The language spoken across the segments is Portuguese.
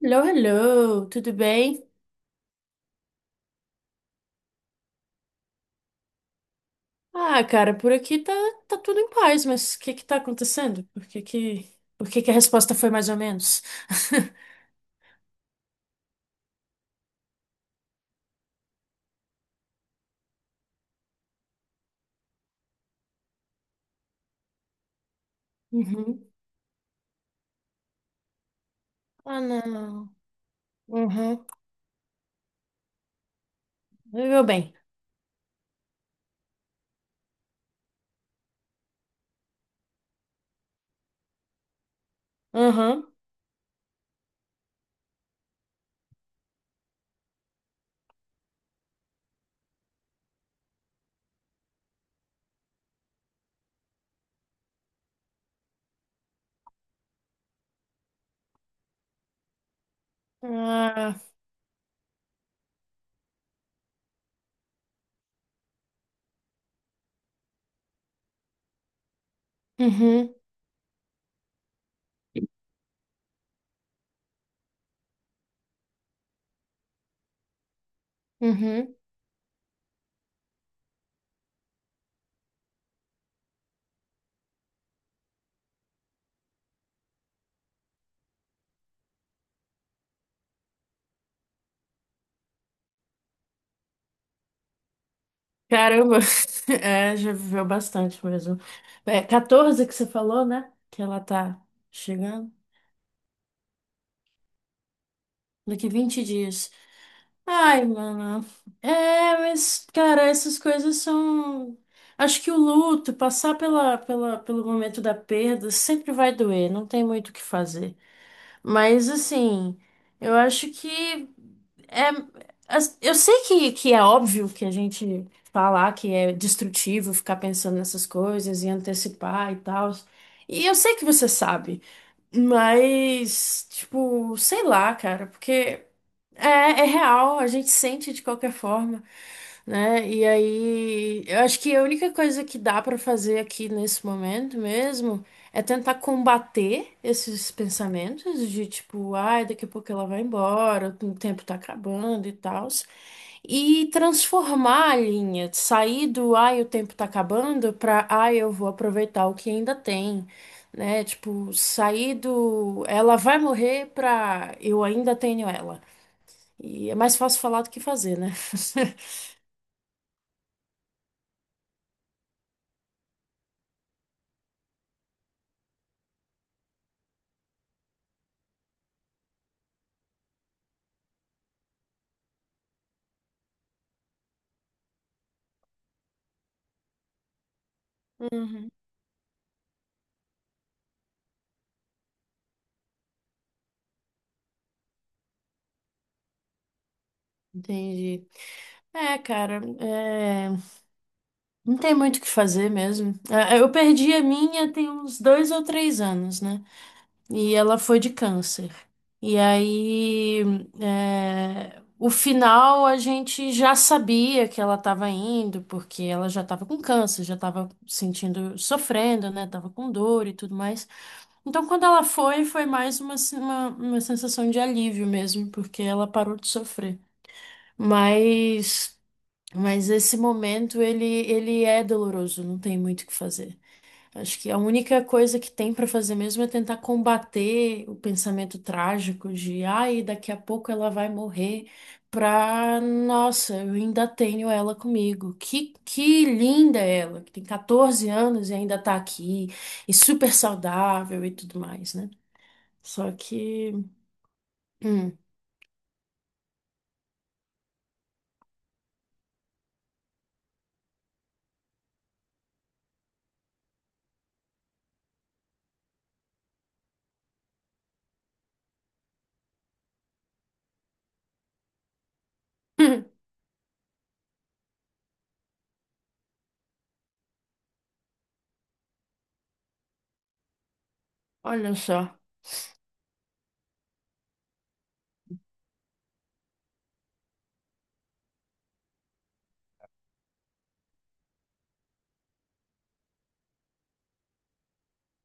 Hello, hello, tudo bem? Ah, cara, por aqui tá, tá tudo em paz, mas o que que tá acontecendo? Por que que a resposta foi mais ou menos? Uhum. Ah, não. Uhum. Meu bem. Uhum. Ah, uhum. Uhum. Caramba. É, já viveu bastante mesmo. É, 14 que você falou, né? Que ela tá chegando. Daqui 20 dias. Ai, mano. É, mas, cara, essas coisas são. Acho que o luto, passar pelo momento da perda, sempre vai doer, não tem muito o que fazer. Mas, assim, eu acho que. É... Eu sei que é óbvio que a gente falar que é destrutivo ficar pensando nessas coisas e antecipar e tal. E eu sei que você sabe, mas, tipo, sei lá, cara, porque. É, é real, a gente sente de qualquer forma, né? E aí, eu acho que a única coisa que dá pra fazer aqui nesse momento mesmo é tentar combater esses pensamentos de tipo, ai, daqui a pouco ela vai embora, o tempo tá acabando e tal. E transformar a linha, sair do ai, o tempo tá acabando pra ai, eu vou aproveitar o que ainda tem. Né, tipo, sair do ela vai morrer pra eu ainda tenho ela. E é mais fácil falar do que fazer, né? Uhum. Entendi. É, cara, é, não tem muito o que fazer mesmo. Eu perdi a minha tem uns dois ou três anos, né? E ela foi de câncer. E aí, é, o final a gente já sabia que ela estava indo, porque ela já estava com câncer, já estava sentindo, sofrendo, né? Tava com dor e tudo mais. Então, quando ela foi, foi mais uma, se- uma sensação de alívio mesmo, porque ela parou de sofrer. Mas, mas esse momento, ele é doloroso, não tem muito o que fazer. Acho que a única coisa que tem pra fazer mesmo é tentar combater o pensamento trágico de, ai, daqui a pouco ela vai morrer, pra, nossa, eu ainda tenho ela comigo. Que linda ela, que tem 14 anos e ainda tá aqui, e super saudável e tudo mais, né? Só que. Hum. Olha só.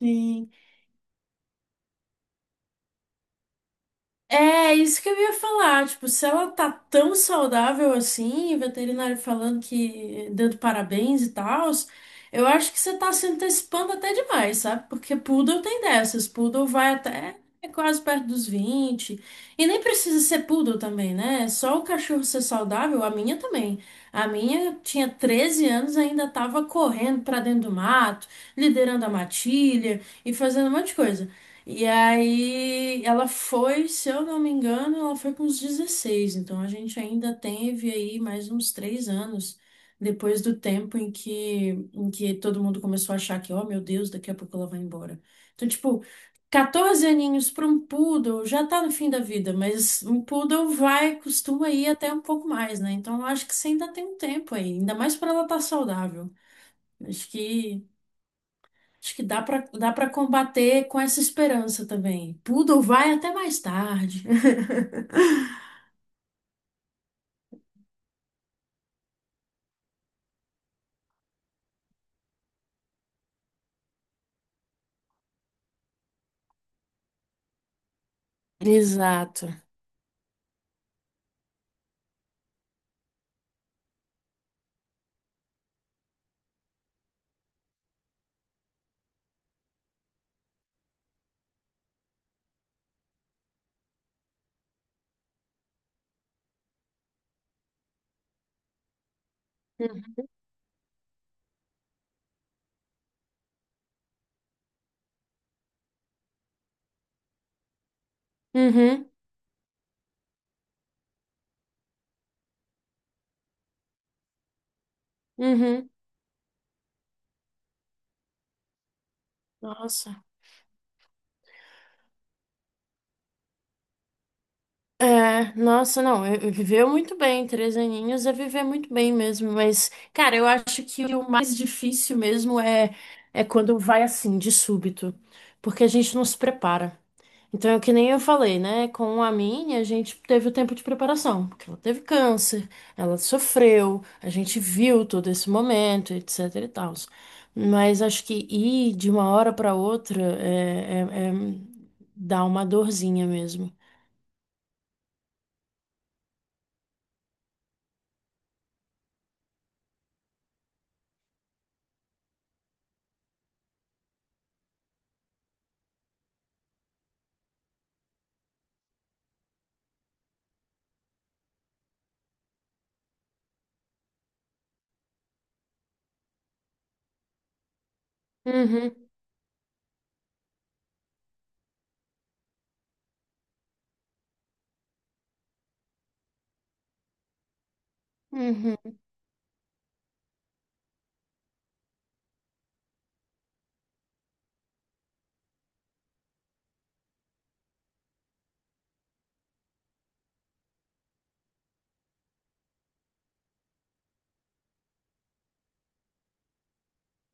E É isso que eu ia falar, tipo, se ela tá tão saudável assim, e veterinário falando que dando parabéns e tal, eu acho que você tá se antecipando até demais, sabe? Porque poodle tem dessas, poodle vai até quase perto dos 20 e nem precisa ser poodle também, né? É só o cachorro ser saudável, a minha também. A minha tinha 13 anos, ainda tava correndo pra dentro do mato, liderando a matilha e fazendo um monte de coisa. E aí ela foi, se eu não me engano, ela foi com uns 16 então a gente ainda teve aí mais uns três anos depois do tempo em que todo mundo começou a achar que, oh meu Deus, daqui a pouco ela vai embora. Então, tipo, 14 aninhos para um poodle já tá no fim da vida, mas um poodle vai, costuma ir até um pouco mais, né? Então eu acho que você ainda tem um tempo aí, ainda mais para ela estar saudável. Acho que dá para combater com essa esperança também. Poodle vai até mais tarde. Exato. Uhum, uhum. Nossa. É, nossa, não, eu viveu muito bem, três aninhos é viver muito bem mesmo, mas, cara, eu acho que o mais difícil mesmo é, é quando vai assim, de súbito, porque a gente não se prepara. Então, é que nem eu falei, né, com a minha, a gente teve o tempo de preparação, porque ela teve câncer, ela sofreu, a gente viu todo esse momento, etc e tal. Mas acho que ir de uma hora para outra é- dá uma dorzinha mesmo. Uhum,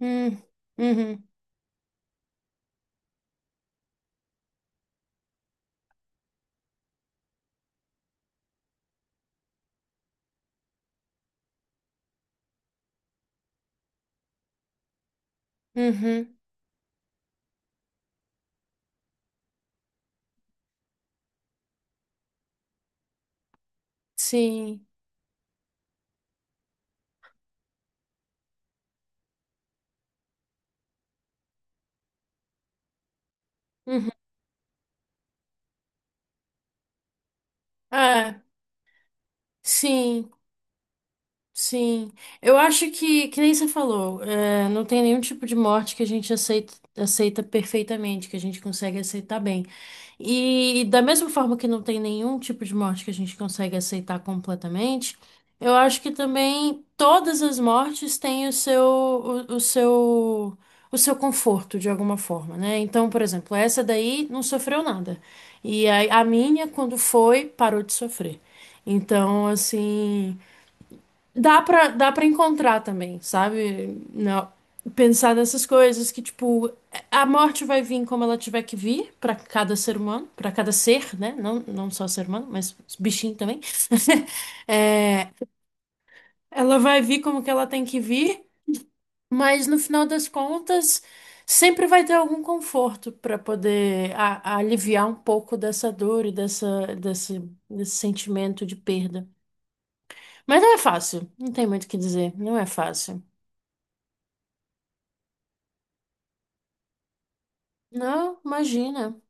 uhum, uhum, uhum, sim. Uhum. Ah, sim. Sim, eu acho que nem você falou, é, não tem nenhum tipo de morte que a gente aceita perfeitamente, que a gente consegue aceitar bem. E da mesma forma que não tem nenhum tipo de morte que a gente consegue aceitar completamente, eu acho que também todas as mortes têm o seu, o seu, o seu conforto de alguma forma, né? Então, por exemplo, essa daí não sofreu nada. E a minha, quando foi, parou de sofrer. Então, assim. Dá pra encontrar também, sabe? Não. Pensar nessas coisas que, tipo, a morte vai vir como ela tiver que vir pra cada ser humano, pra cada ser, né? Não, não só ser humano, mas bichinho também. É, ela vai vir como que ela tem que vir, mas no final das contas, sempre vai ter algum conforto pra poder a- aliviar um pouco dessa dor e dessa, desse, desse sentimento de perda. Mas não é fácil, não tem muito o que dizer, não é fácil. Não, imagina.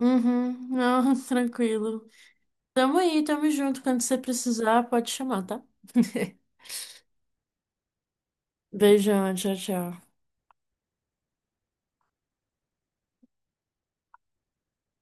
Uhum, não, tranquilo. Tamo aí, tamo junto. Quando você precisar, pode chamar, tá? Beijão, tchau, tchau.